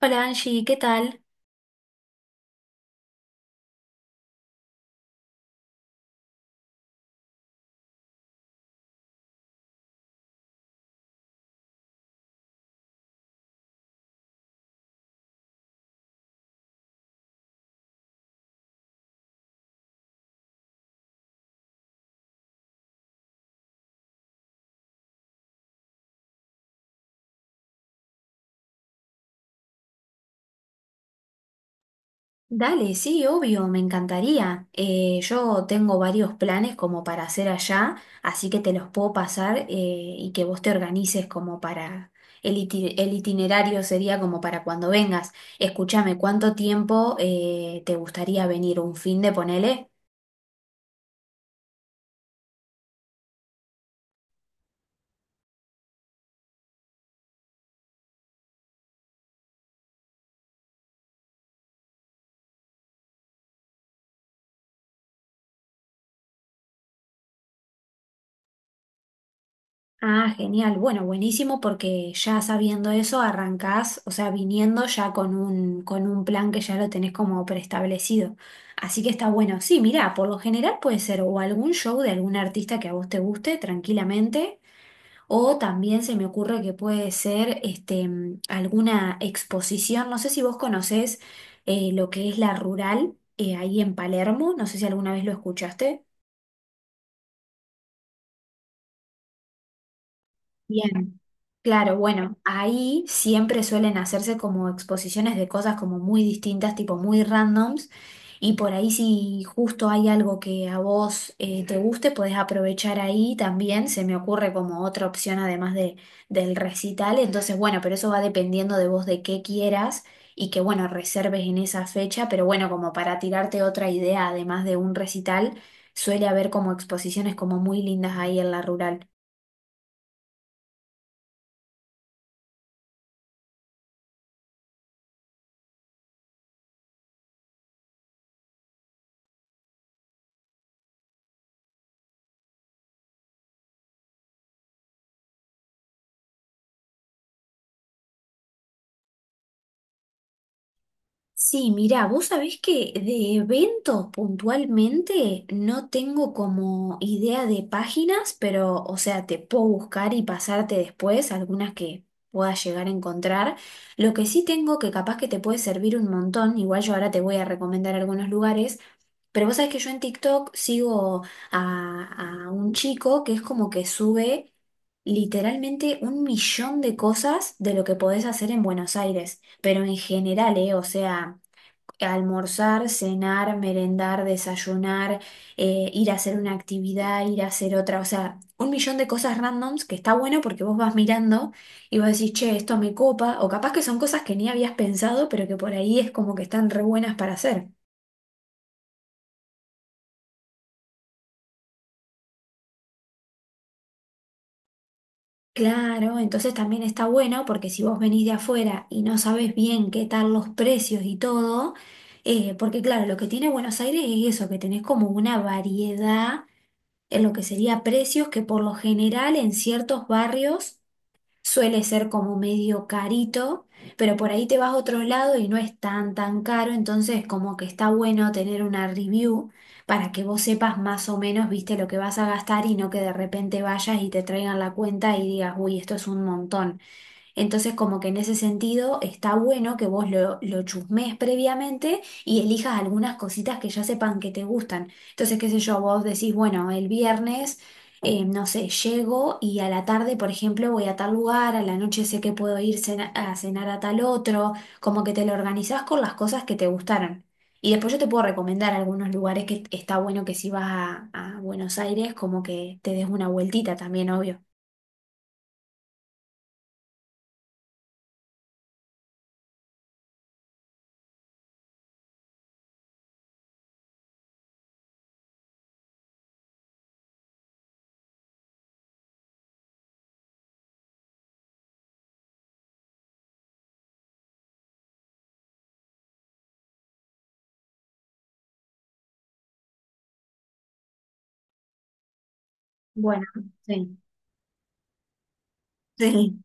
Hola Angie, ¿qué tal? Dale, sí, obvio, me encantaría. Yo tengo varios planes como para hacer allá, así que te los puedo pasar y que vos te organices como para... El itinerario sería como para cuando vengas. Escúchame, ¿cuánto tiempo te gustaría venir? ¿Un fin de ponele? Ah, genial. Bueno, buenísimo porque ya sabiendo eso arrancás, o sea, viniendo ya con un plan que ya lo tenés como preestablecido. Así que está bueno. Sí, mirá, por lo general puede ser o algún show de algún artista que a vos te guste tranquilamente, o también se me ocurre que puede ser este, alguna exposición. No sé si vos conocés lo que es la Rural ahí en Palermo, no sé si alguna vez lo escuchaste. Bien. Claro, bueno, ahí siempre suelen hacerse como exposiciones de cosas como muy distintas, tipo muy randoms, y por ahí si justo hay algo que a vos te guste, podés aprovechar ahí también, se me ocurre como otra opción además de, del recital, entonces bueno, pero eso va dependiendo de vos de qué quieras y que bueno, reserves en esa fecha, pero bueno, como para tirarte otra idea además de un recital, suele haber como exposiciones como muy lindas ahí en la rural. Sí, mira, vos sabés que de eventos puntualmente no tengo como idea de páginas, pero o sea, te puedo buscar y pasarte después algunas que puedas llegar a encontrar. Lo que sí tengo que capaz que te puede servir un montón, igual yo ahora te voy a recomendar algunos lugares, pero vos sabés que yo en TikTok sigo a un chico que es como que sube literalmente un millón de cosas de lo que podés hacer en Buenos Aires, pero en general, ¿eh? O sea almorzar, cenar, merendar, desayunar, ir a hacer una actividad, ir a hacer otra, o sea, un millón de cosas randoms que está bueno porque vos vas mirando y vos decís, che, esto me copa, o capaz que son cosas que ni habías pensado, pero que por ahí es como que están re buenas para hacer. Claro, entonces también está bueno porque si vos venís de afuera y no sabés bien qué tal los precios y todo, porque claro, lo que tiene Buenos Aires es eso, que tenés como una variedad en lo que sería precios, que por lo general en ciertos barrios suele ser como medio carito, pero por ahí te vas a otro lado y no es tan tan caro, entonces como que está bueno tener una review para que vos sepas más o menos, viste, lo que vas a gastar y no que de repente vayas y te traigan la cuenta y digas, uy, esto es un montón. Entonces, como que en ese sentido está bueno que vos lo chusmees previamente y elijas algunas cositas que ya sepan que te gustan. Entonces, qué sé yo, vos decís, bueno, el viernes, no sé, llego y a la tarde, por ejemplo, voy a tal lugar, a la noche sé que puedo ir a cenar a tal otro, como que te lo organizás con las cosas que te gustaron. Y después yo te puedo recomendar algunos lugares que está bueno que si vas a Buenos Aires, como que te des una vueltita también, obvio. Bueno, sí. Sí.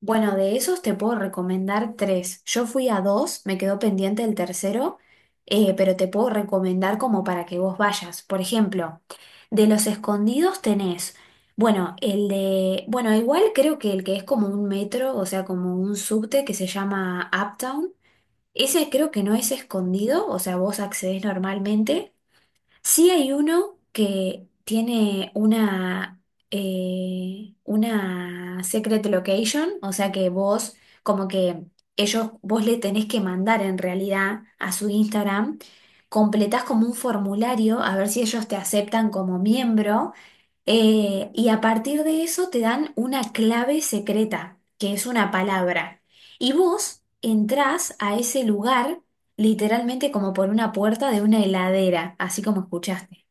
Bueno, de esos te puedo recomendar tres. Yo fui a dos, me quedó pendiente el tercero, pero te puedo recomendar como para que vos vayas. Por ejemplo, de los escondidos tenés, bueno, el de, bueno, igual creo que el que es como un metro, o sea, como un subte que se llama Uptown. Ese creo que no es escondido, o sea, vos accedés normalmente. Sí, hay uno que tiene una secret location, o sea que vos, como que ellos, vos le tenés que mandar en realidad a su Instagram, completás como un formulario a ver si ellos te aceptan como miembro y a partir de eso te dan una clave secreta, que es una palabra. Y vos entrás a ese lugar literalmente como por una puerta de una heladera, así como escuchaste.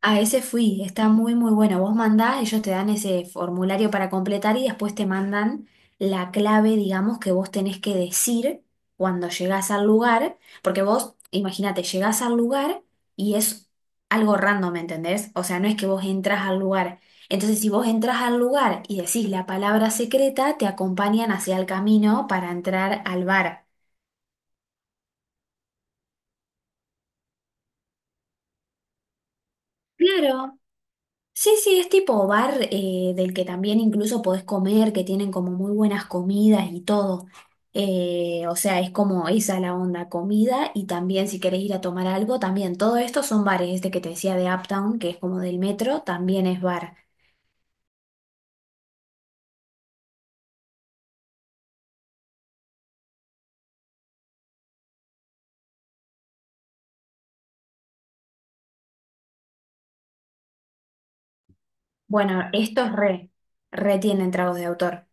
A ese fui, está muy muy bueno. Vos mandás, ellos te dan ese formulario para completar y después te mandan la clave, digamos, que vos tenés que decir cuando llegás al lugar, porque vos, imagínate, llegás al lugar y es algo random, ¿me entendés? O sea, no es que vos entras al lugar. Entonces, si vos entras al lugar y decís la palabra secreta, te acompañan hacia el camino para entrar al bar. Claro, sí, sí, es tipo bar del que también incluso podés comer, que tienen como muy buenas comidas y todo. O sea, es como esa la onda, comida y también si querés ir a tomar algo, también todo esto son bares, este que te decía de Uptown, que es como del metro, también es bar. Bueno, estos re tienen tragos de autor.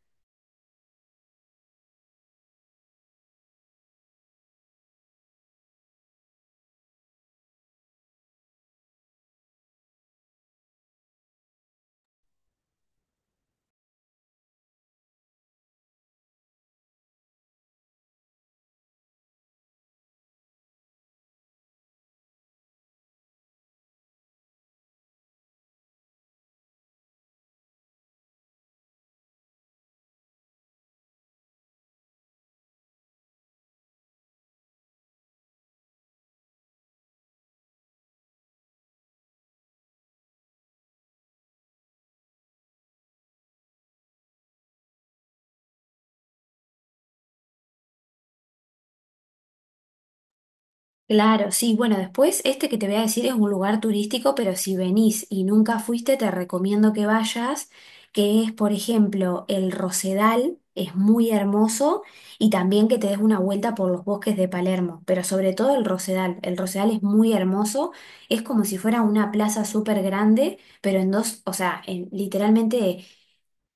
Claro, sí, bueno, después este que te voy a decir es un lugar turístico, pero si venís y nunca fuiste, te recomiendo que vayas, que es, por ejemplo, el Rosedal, es muy hermoso, y también que te des una vuelta por los bosques de Palermo, pero sobre todo el Rosedal. El Rosedal es muy hermoso, es como si fuera una plaza súper grande, pero en dos, o sea, literalmente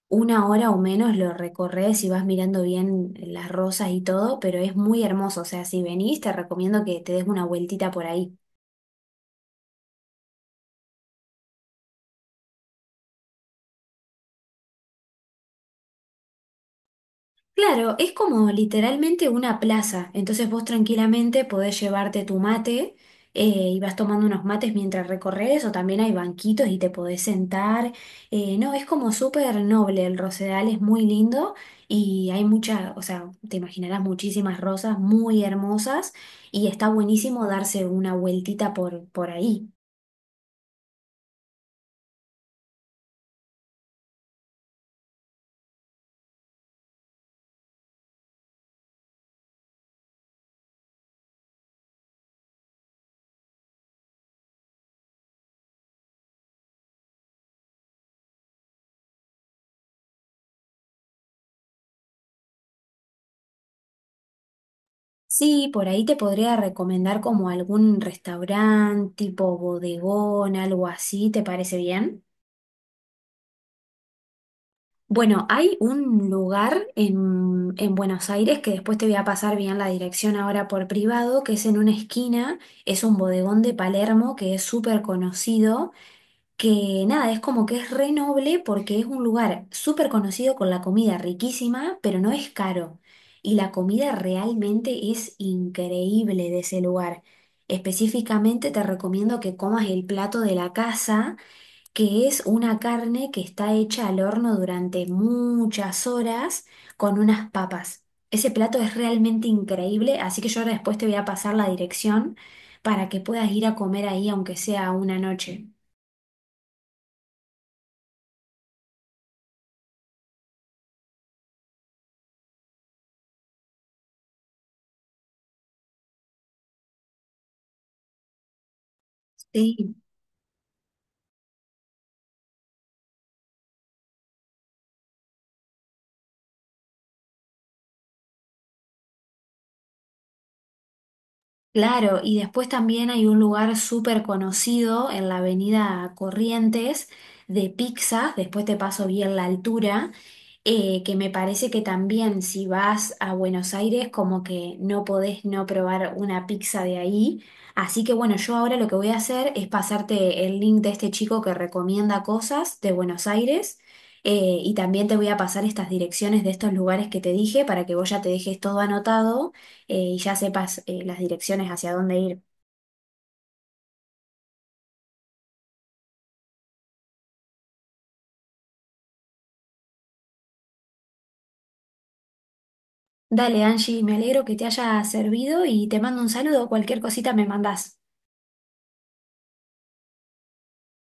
una hora o menos lo recorres y vas mirando bien las rosas y todo, pero es muy hermoso. O sea, si venís, te recomiendo que te des una vueltita por ahí. Claro, es como literalmente una plaza. Entonces vos tranquilamente podés llevarte tu mate y vas tomando unos mates mientras recorres, o también hay banquitos y te podés sentar. No, es como súper noble. El Rosedal es muy lindo y hay mucha, o sea, te imaginarás muchísimas rosas muy hermosas y está buenísimo darse una vueltita por ahí. Sí, por ahí te podría recomendar como algún restaurante tipo bodegón, algo así, ¿te parece bien? Bueno, hay un lugar en Buenos Aires que después te voy a pasar bien la dirección ahora por privado, que es en una esquina, es un bodegón de Palermo que es súper conocido, que nada, es como que es re noble porque es un lugar súper conocido con la comida riquísima, pero no es caro. Y la comida realmente es increíble de ese lugar. Específicamente te recomiendo que comas el plato de la casa que es una carne que está hecha al horno durante muchas horas con unas papas. Ese plato es realmente increíble, así que yo ahora después te voy a pasar la dirección para que puedas ir a comer ahí, aunque sea una noche. Sí, claro, y después también hay un lugar súper conocido en la avenida Corrientes de pizzas, después te paso bien la altura. Que me parece que también si vas a Buenos Aires como que no podés no probar una pizza de ahí. Así que bueno, yo ahora lo que voy a hacer es pasarte el link de este chico que recomienda cosas de Buenos Aires y también te voy a pasar estas direcciones de estos lugares que te dije para que vos ya te dejes todo anotado y ya sepas las direcciones hacia dónde ir. Dale, Angie, me alegro que te haya servido y te mando un saludo. Cualquier cosita me mandás.